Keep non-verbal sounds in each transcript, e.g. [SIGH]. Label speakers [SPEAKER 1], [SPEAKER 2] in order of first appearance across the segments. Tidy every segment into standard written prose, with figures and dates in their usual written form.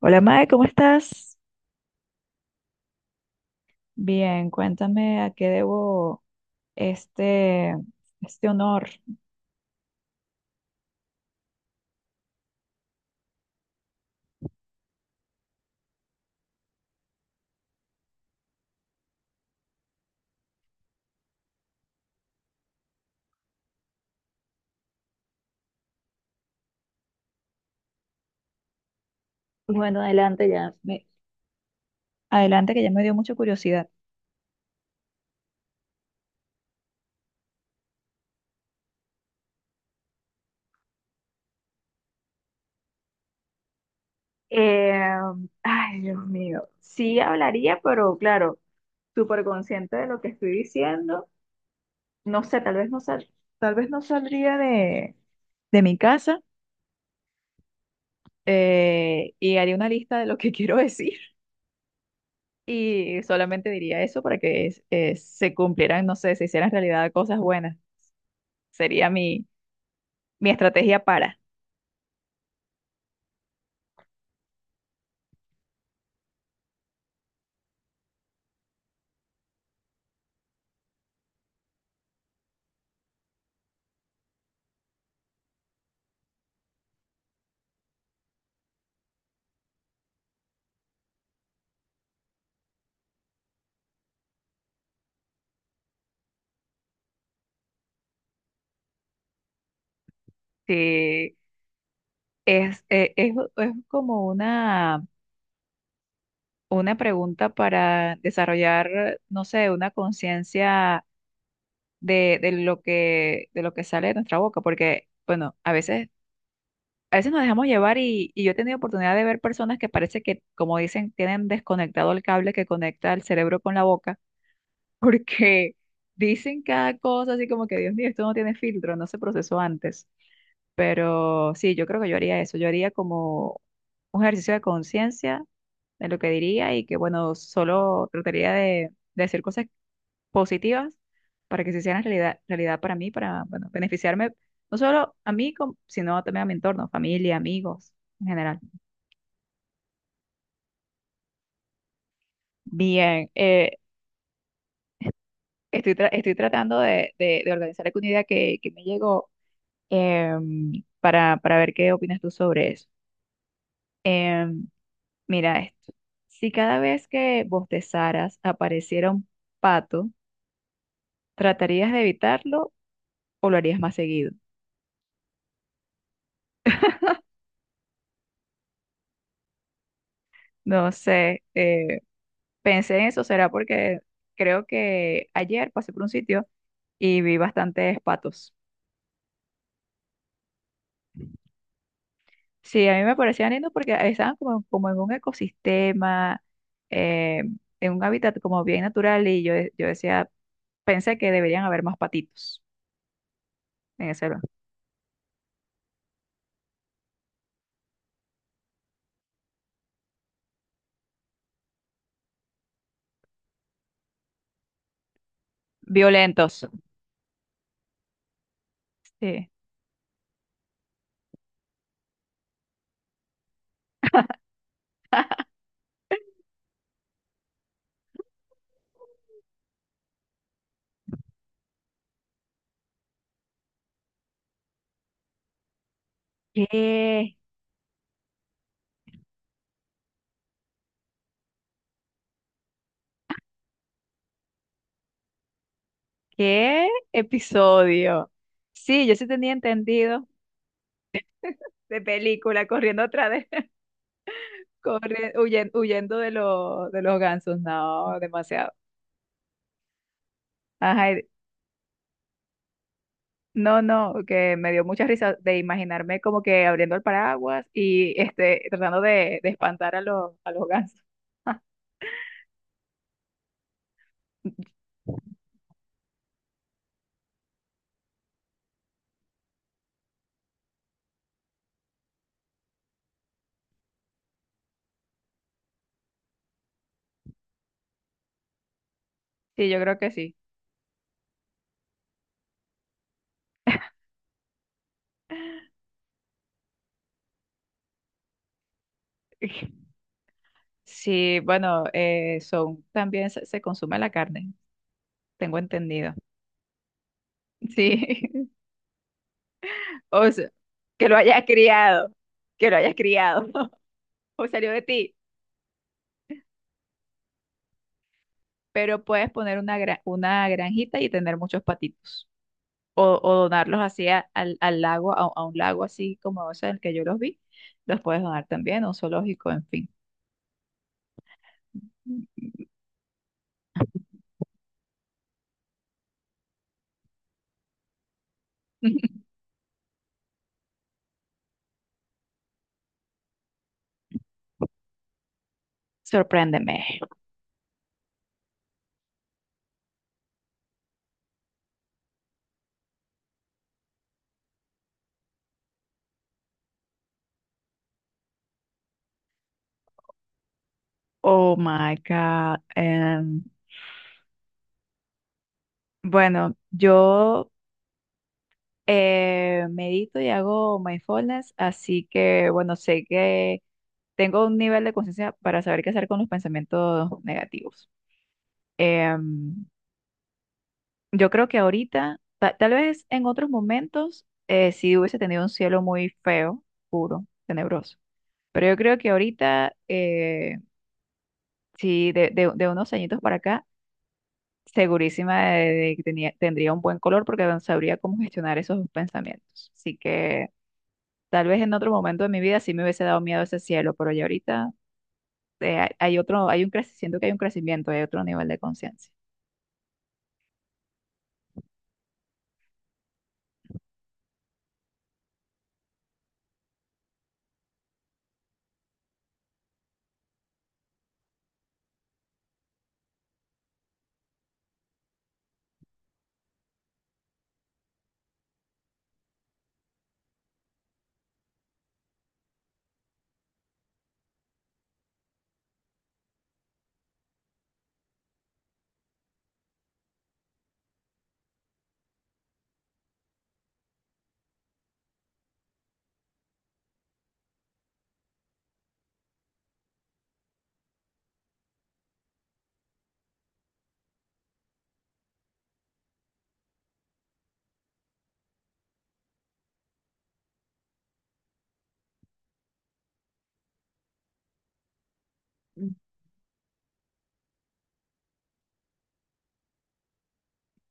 [SPEAKER 1] Hola, Mae, ¿cómo estás? Bien, cuéntame a qué debo este, este honor. Bueno, adelante ya. Adelante, que ya me dio mucha curiosidad. Eh, ay, Dios mío. Sí hablaría, pero claro, súper consciente de lo que estoy diciendo. No sé, tal vez no saldría de mi casa y haría una lista de lo que [LAUGHS] quiero decir y solamente diría eso para que se cumplieran, no sé, se hicieran realidad cosas buenas. Sería mi, mi estrategia para. Sí, es como una pregunta para desarrollar, no sé, una conciencia de lo de lo que sale de nuestra boca, porque, bueno, a veces nos dejamos llevar y yo he tenido oportunidad de ver personas que parece que, como dicen, tienen desconectado el cable que conecta el cerebro con la boca, [LAUGHS] porque dicen cada cosa así como que, Dios mío, esto no tiene filtro, no se procesó antes. Pero sí, yo creo que yo haría eso, yo haría como un ejercicio de conciencia de lo que diría y que, bueno, solo de decir cosas positivas para que se hicieran realidad, realidad para mí, para, bueno, beneficiarme no solo a mí, sino también a mi entorno, familia, amigos en general. Bien, estoy, estoy tratando de organizar alguna idea que me llegó para ver qué opinas tú sobre eso. Em, mira esto. Si cada vez que bostezaras apareciera un pato, ¿tratarías de evitarlo o lo harías más seguido? No sé, pensé en eso, será porque creo que ayer pasé por un sitio y vi bastantes patos. Sí, a mí me parecían lindos porque estaban como, como en un ecosistema, eh, en un hábitat como bien natural y yo, yo decía, pensé que deberían haber más patitos en ese lugar. Violentos. Sí. [LAUGHS] ¿Qué? ¿Qué episodio? Sí, yo sí tenía entendido de película corriendo atrás, corre, huyendo los de los gansos, no, demasiado. Ajá, no, no, que me dio mucha risa de imaginarme como que abriendo el paraguas y este, de espantar a a los gansos. [LAUGHS] Sí, yo creo que sí. [LAUGHS] Sí, bueno, son, también se consume la carne, tengo entendido. Sí, [LAUGHS] o sea, que lo hayas criado, que lo hayas criado, [LAUGHS] o salió de ti, pero puedes poner una granjita y tener muchos patitos. O, o donarlos así al lago, a un lago así como ese en el que yo los vi, los puedes donar también, a un zoológico, en fin. [LAUGHS] Sorpréndeme. Oh my God. Bueno, yo medito y hago mindfulness, así que bueno, sé que tengo un nivel de conciencia para saber qué hacer con los pensamientos negativos. Em, Yo creo que ahorita, tal vez en otros momentos, sí hubiese tenido un cielo muy feo, puro, tenebroso. Pero yo creo que ahorita, sí, de unos añitos para acá, segurísima de que tendría un buen color porque no sabría cómo gestionar esos pensamientos. Así que tal vez en otro momento de mi vida sí me hubiese dado miedo ese cielo, pero ya ahorita hay hay un crecimiento, siento que hay un crecimiento, hay otro nivel de conciencia.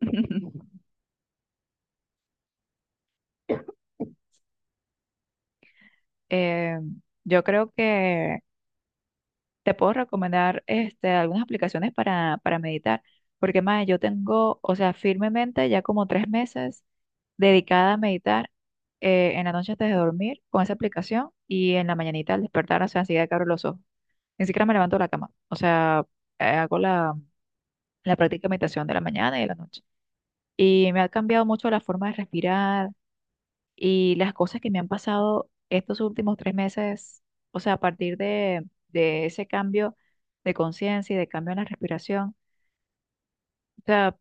[SPEAKER 1] [LAUGHS] Eh, yo creo que te puedo recomendar este, algunas aplicaciones para meditar, porque más yo tengo, o sea, firmemente ya como tres meses dedicada a meditar en la noche antes de dormir con esa aplicación y en la mañanita al despertar, o sea, enseguida que abro los ojos. Ni siquiera me levanto de la cama, o sea, hago la práctica de meditación de la mañana y de la noche. Y me ha cambiado mucho la forma de respirar y las cosas que me han pasado estos últimos tres meses, o sea, a partir de ese cambio de conciencia y de cambio en la respiración, o sea,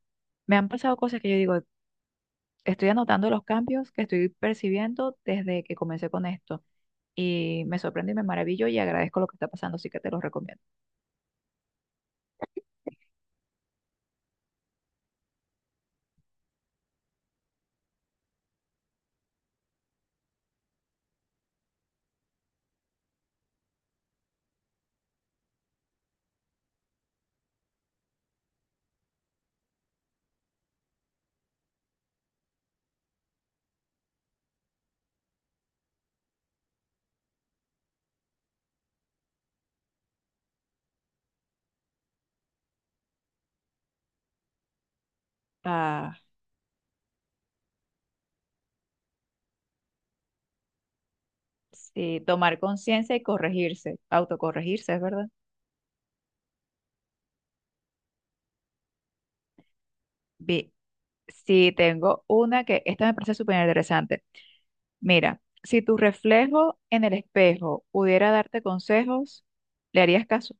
[SPEAKER 1] me han pasado cosas que yo digo, estoy anotando los cambios que estoy percibiendo desde que comencé con esto. Y me sorprende y me maravillo y agradezco lo que está pasando, así que te lo recomiendo. Ah, sí, tomar conciencia y corregirse, autocorregirse, es verdad. Bien, sí, tengo una que esta me parece súper interesante. Mira, si tu reflejo en el espejo pudiera darte consejos, ¿le harías caso?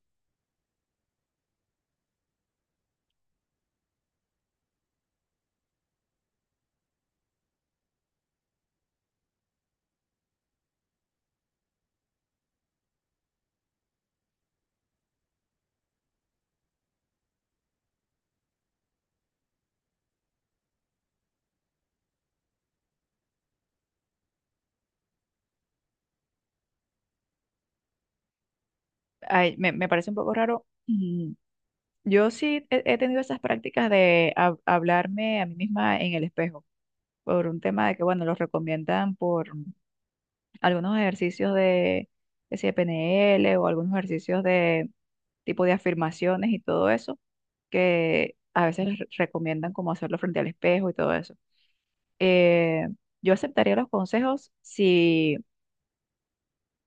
[SPEAKER 1] Ay, me parece un poco raro. Mm, yo sí he tenido esas prácticas de hablarme a mí misma en el espejo, por un tema de que, bueno, los recomiendan por algunos ejercicios de, que si de PNL o algunos ejercicios de tipo de afirmaciones y todo eso, que a veces les recomiendan como hacerlo frente al espejo y todo eso. Eh, yo aceptaría los consejos si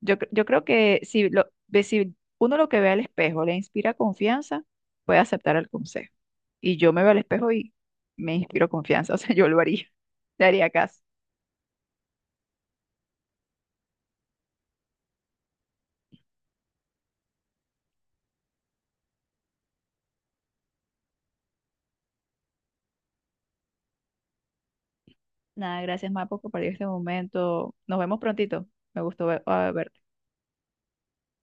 [SPEAKER 1] yo, yo creo que si, lo, si uno lo que ve al espejo le inspira confianza, puede aceptar el consejo. Y yo me veo al espejo y me inspiro confianza, [LAUGHS] o sea, yo lo haría, le haría caso. Nada, gracias, Mapo, por compartir este momento. Nos vemos prontito. Me gustó ver,